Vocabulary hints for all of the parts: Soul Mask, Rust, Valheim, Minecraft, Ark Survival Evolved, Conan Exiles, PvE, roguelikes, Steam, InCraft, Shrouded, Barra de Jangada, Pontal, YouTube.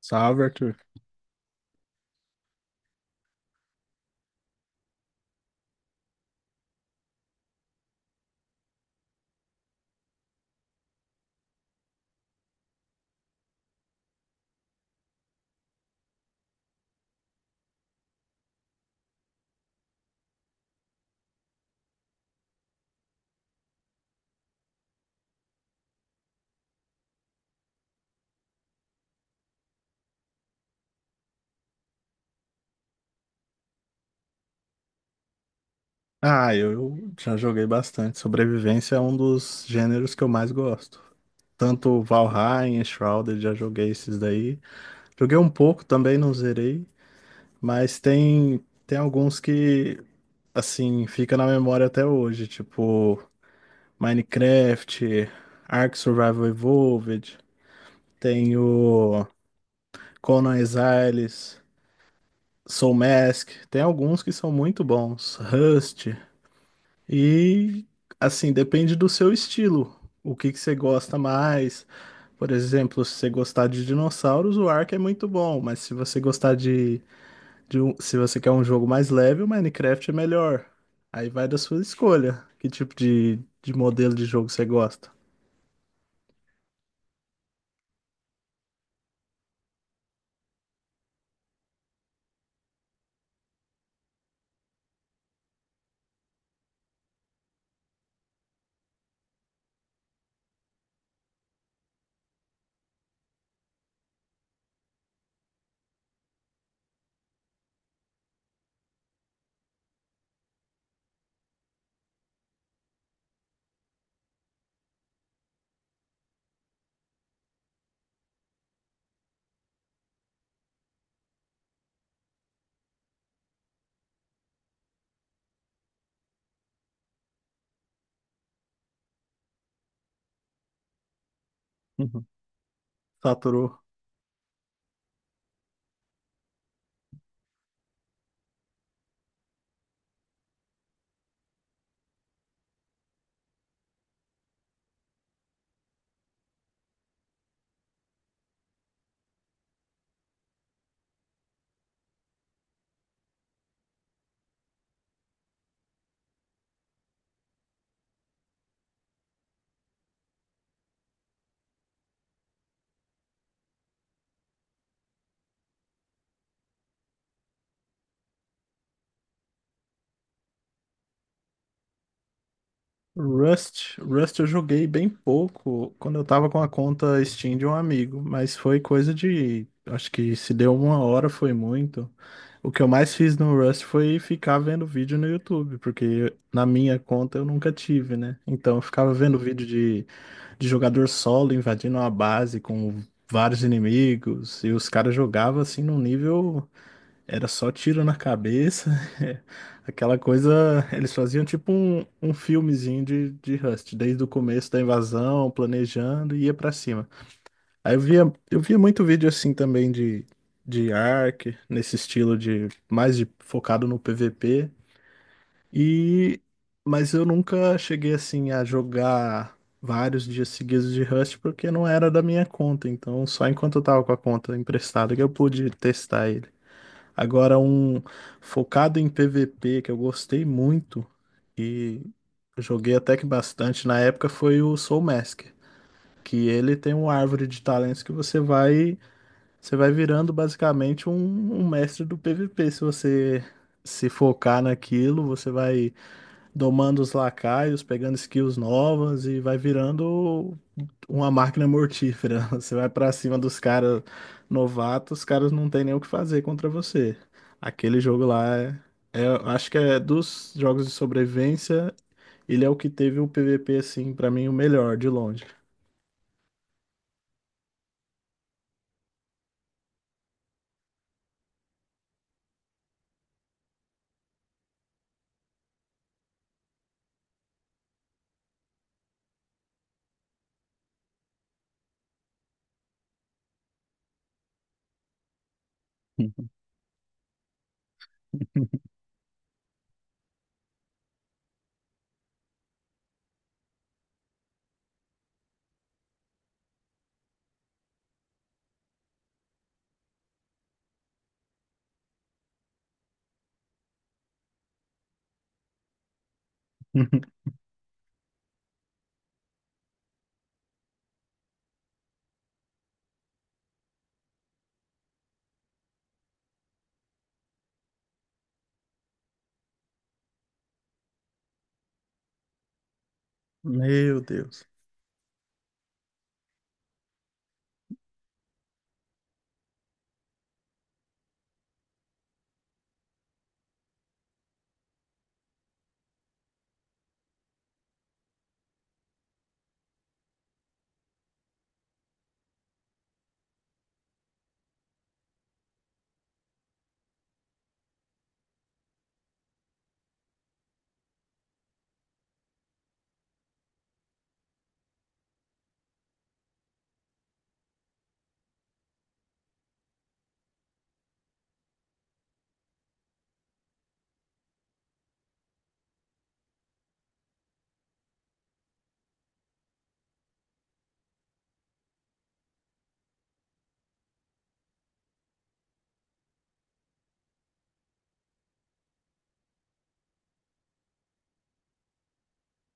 Salve, Arthur. Ah, eu já joguei bastante. Sobrevivência é um dos gêneros que eu mais gosto. Tanto Valheim, Shrouded, já joguei esses daí. Joguei um pouco também, não zerei, mas tem alguns que assim, fica na memória até hoje, tipo Minecraft, Ark Survival Evolved, tem o Conan Exiles, Soul Mask, tem alguns que são muito bons. Rust. E assim, depende do seu estilo. O que que você gosta mais? Por exemplo, se você gostar de dinossauros, o Ark é muito bom, mas se você gostar de se você quer um jogo mais leve, o Minecraft é melhor. Aí vai da sua escolha. Que tipo de modelo de jogo você gosta? Uhum. Saturou. Rust eu joguei bem pouco quando eu tava com a conta Steam de um amigo, mas foi coisa de, acho que se deu uma hora foi muito. O que eu mais fiz no Rust foi ficar vendo vídeo no YouTube, porque na minha conta eu nunca tive, né? Então eu ficava vendo vídeo de jogador solo invadindo uma base com vários inimigos, e os caras jogavam assim num nível era só tiro na cabeça, é, aquela coisa. Eles faziam tipo um filmezinho de Rust, desde o começo da invasão, planejando e ia pra cima. Aí eu via muito vídeo assim também de Ark, nesse estilo de mais de, focado no PVP. E mas eu nunca cheguei assim a jogar vários dias seguidos de Rust porque não era da minha conta. Então só enquanto eu tava com a conta emprestada que eu pude testar ele. Agora, um focado em PVP que eu gostei muito e joguei até que bastante na época foi o Soul Mask, que ele tem uma árvore de talentos que você vai virando basicamente um mestre do PVP. Se você se focar naquilo, você vai domando os lacaios, pegando skills novas e vai virando uma máquina mortífera. Você vai pra cima dos caras novatos, os caras não tem nem o que fazer contra você. Aquele jogo lá é, acho que é dos jogos de sobrevivência, ele é o que teve o PVP assim, pra mim o melhor de longe. Meu Deus.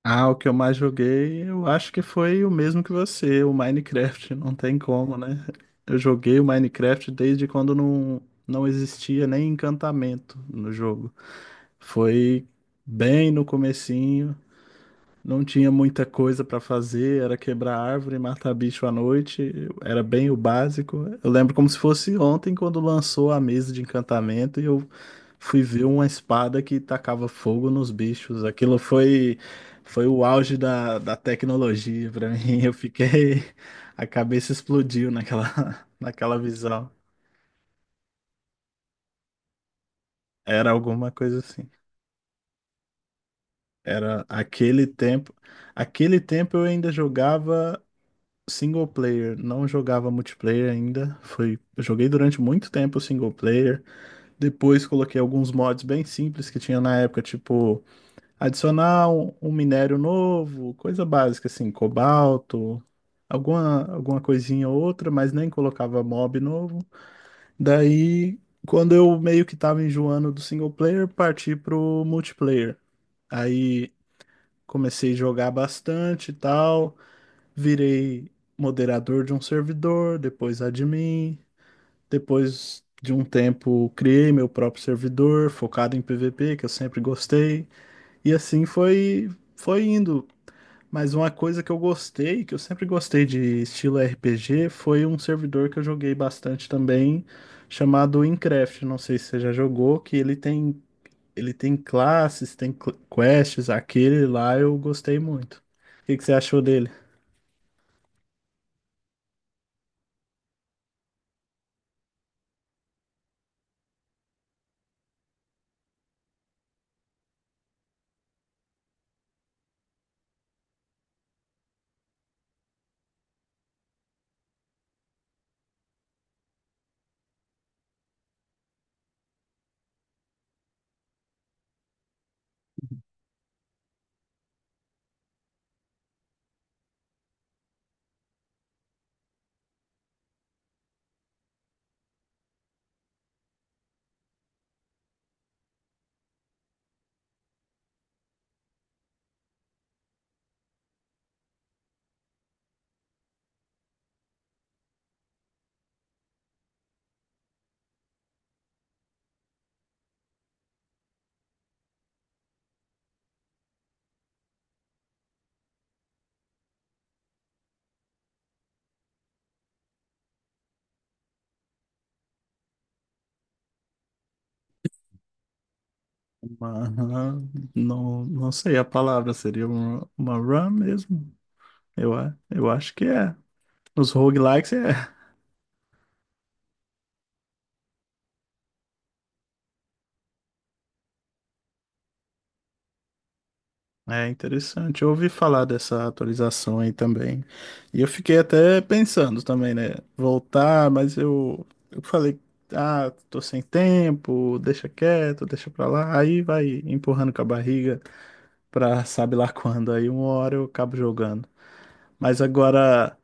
Ah, o que eu mais joguei, eu acho que foi o mesmo que você, o Minecraft, não tem como, né? Eu joguei o Minecraft desde quando não existia nem encantamento no jogo. Foi bem no comecinho, não tinha muita coisa para fazer, era quebrar árvore, matar bicho à noite, era bem o básico. Eu lembro como se fosse ontem, quando lançou a mesa de encantamento e eu fui ver uma espada que tacava fogo nos bichos. Aquilo foi, foi o auge da, da tecnologia para mim. Eu fiquei. A cabeça explodiu naquela, naquela visão. Era alguma coisa assim. Era aquele tempo. Aquele tempo eu ainda jogava single player, não jogava multiplayer ainda. Eu joguei durante muito tempo single player. Depois coloquei alguns mods bem simples que tinha na época, tipo adicionar um minério novo, coisa básica assim, cobalto, alguma coisinha ou outra, mas nem colocava mob novo. Daí, quando eu meio que tava enjoando do single player, parti pro multiplayer. Aí comecei a jogar bastante e tal, virei moderador de um servidor, depois admin, depois de um tempo criei meu próprio servidor focado em PVP, que eu sempre gostei, e assim foi indo. Mas uma coisa que eu gostei, que eu sempre gostei de estilo RPG, foi um servidor que eu joguei bastante também, chamado InCraft. Não sei se você já jogou, que ele tem classes, tem quests, aquele lá eu gostei muito. O que que você achou dele? Uma- não sei a palavra, seria uma run mesmo? Eu acho que é. Os roguelikes é interessante. Eu ouvi falar dessa atualização aí também. E eu fiquei até pensando também, né? Voltar, mas eu falei, ah, tô sem tempo, deixa quieto, deixa pra lá. Aí vai empurrando com a barriga pra sabe lá quando. Aí uma hora eu acabo jogando. Mas agora,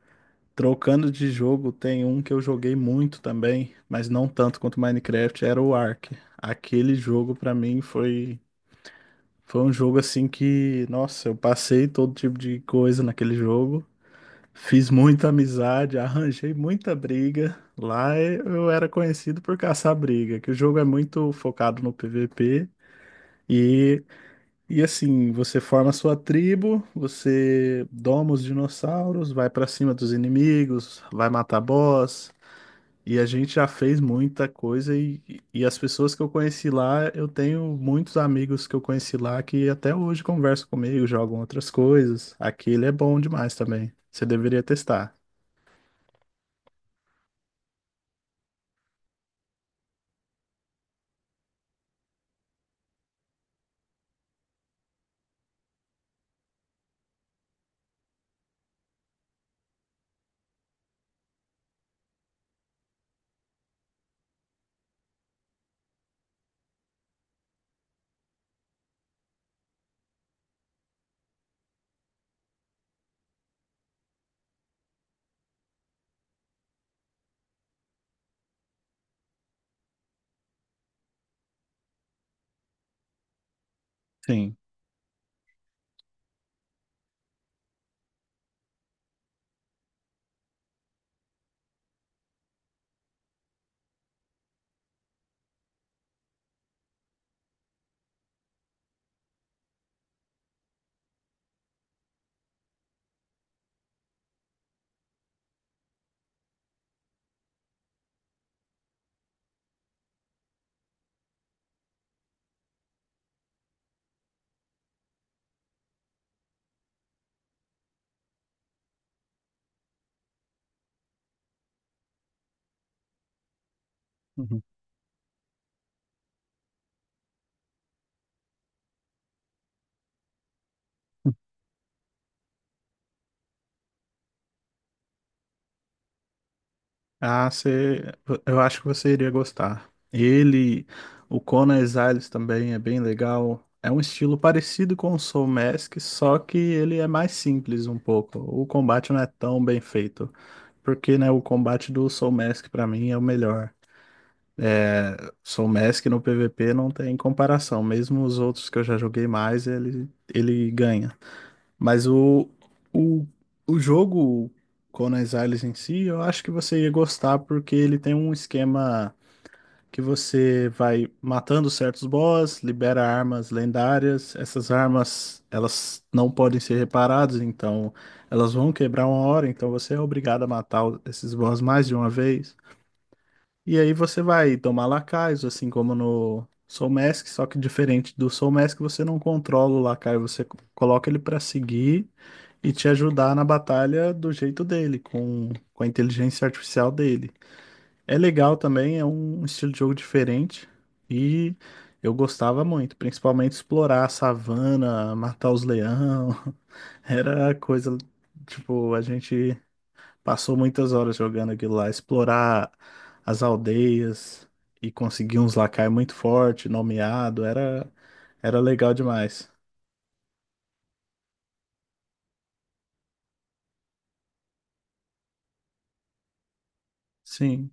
trocando de jogo, tem um que eu joguei muito também, mas não tanto quanto Minecraft, era o Ark. Aquele jogo pra mim foi um jogo assim que, nossa, eu passei todo tipo de coisa naquele jogo. Fiz muita amizade, arranjei muita briga. Lá eu era conhecido por caçar briga, que o jogo é muito focado no PVP e e assim, você forma a sua tribo, você doma os dinossauros, vai pra cima dos inimigos, vai matar boss e a gente já fez muita coisa e as pessoas que eu conheci lá, eu tenho muitos amigos que eu conheci lá que até hoje conversam comigo, jogam outras coisas. Aquele é bom demais também. Você deveria testar. Sim. Uhum. Ah, você, eu acho que você iria gostar. Ele, o Conan Exiles também é bem legal. É um estilo parecido com o Soul Mask, só que ele é mais simples um pouco. O combate não é tão bem feito. Porque, né, o combate do Soul Mask pra mim é o melhor. É, Soul Mask no PVP não tem comparação. Mesmo os outros que eu já joguei mais, ele ganha. Mas o, o jogo Conan Exiles em si, eu acho que você ia gostar porque ele tem um esquema que você vai matando certos boss, libera armas lendárias. Essas armas, elas não podem ser reparadas, então elas vão quebrar uma hora, então você é obrigado a matar esses boss mais de uma vez. E aí você vai tomar lacaios, assim como no Soul Mask, só que diferente do Soul Mask, você não controla o lacaio, você coloca ele pra seguir e te ajudar na batalha do jeito dele, com a inteligência artificial dele. É legal também, é um estilo de jogo diferente e eu gostava muito, principalmente explorar a savana, matar os leão, era coisa, tipo, a gente passou muitas horas jogando aquilo lá, explorar as aldeias e conseguir uns lacai muito forte, nomeado, era legal demais. Sim,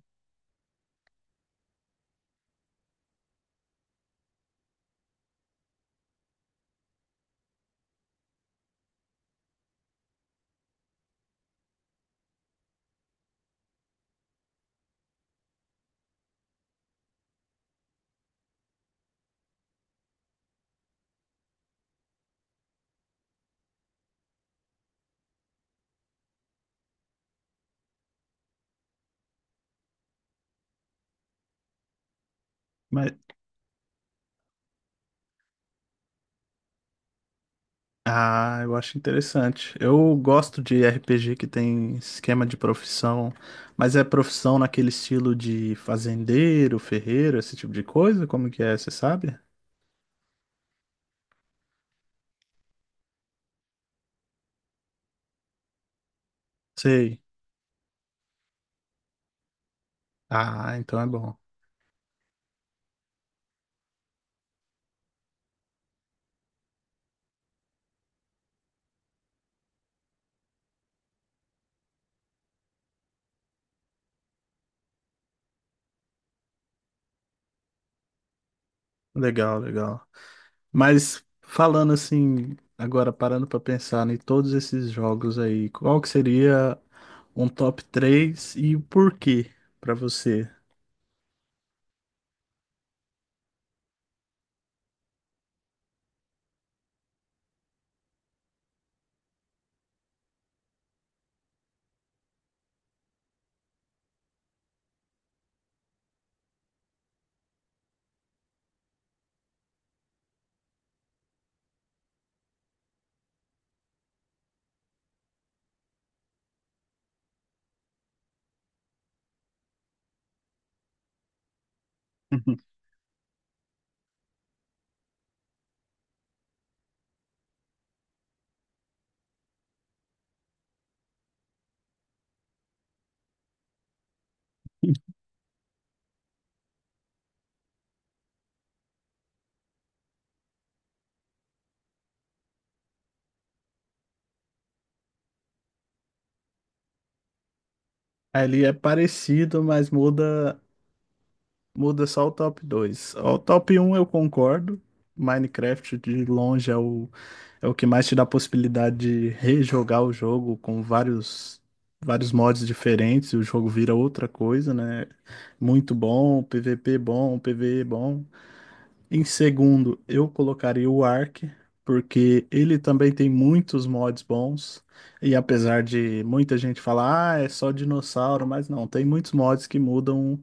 mas ah, eu acho interessante. Eu gosto de RPG que tem esquema de profissão, mas é profissão naquele estilo de fazendeiro, ferreiro, esse tipo de coisa? Como que é, você sabe? Sei. Ah, então é bom. Legal, legal. Mas falando assim, agora parando para pensar em todos esses jogos aí, qual que seria um top 3 e o porquê para você? Ali é parecido, mas muda só o top dois. O top um eu concordo. Minecraft de longe é o que mais te dá a possibilidade de rejogar o jogo com vários, vários mods diferentes, e o jogo vira outra coisa, né? Muito bom, PVP bom, PvE bom. Em segundo, eu colocaria o Ark, porque ele também tem muitos mods bons. E apesar de muita gente falar, ah, é só dinossauro, mas não, tem muitos mods que mudam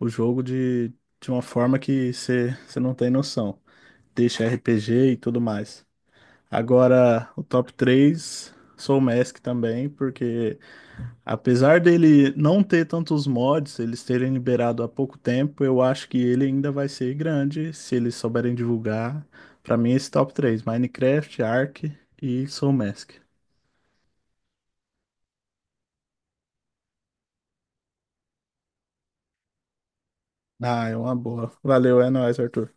o jogo de uma forma que você não tem noção. Deixa RPG e tudo mais. Agora, o top 3 sou o Mask também, porque apesar dele não ter tantos mods, eles terem liberado há pouco tempo, eu acho que ele ainda vai ser grande se eles souberem divulgar. Pra mim, esse top 3 Minecraft, Ark e Soul Mask. Ah, é uma boa. Valeu, é nóis, Arthur.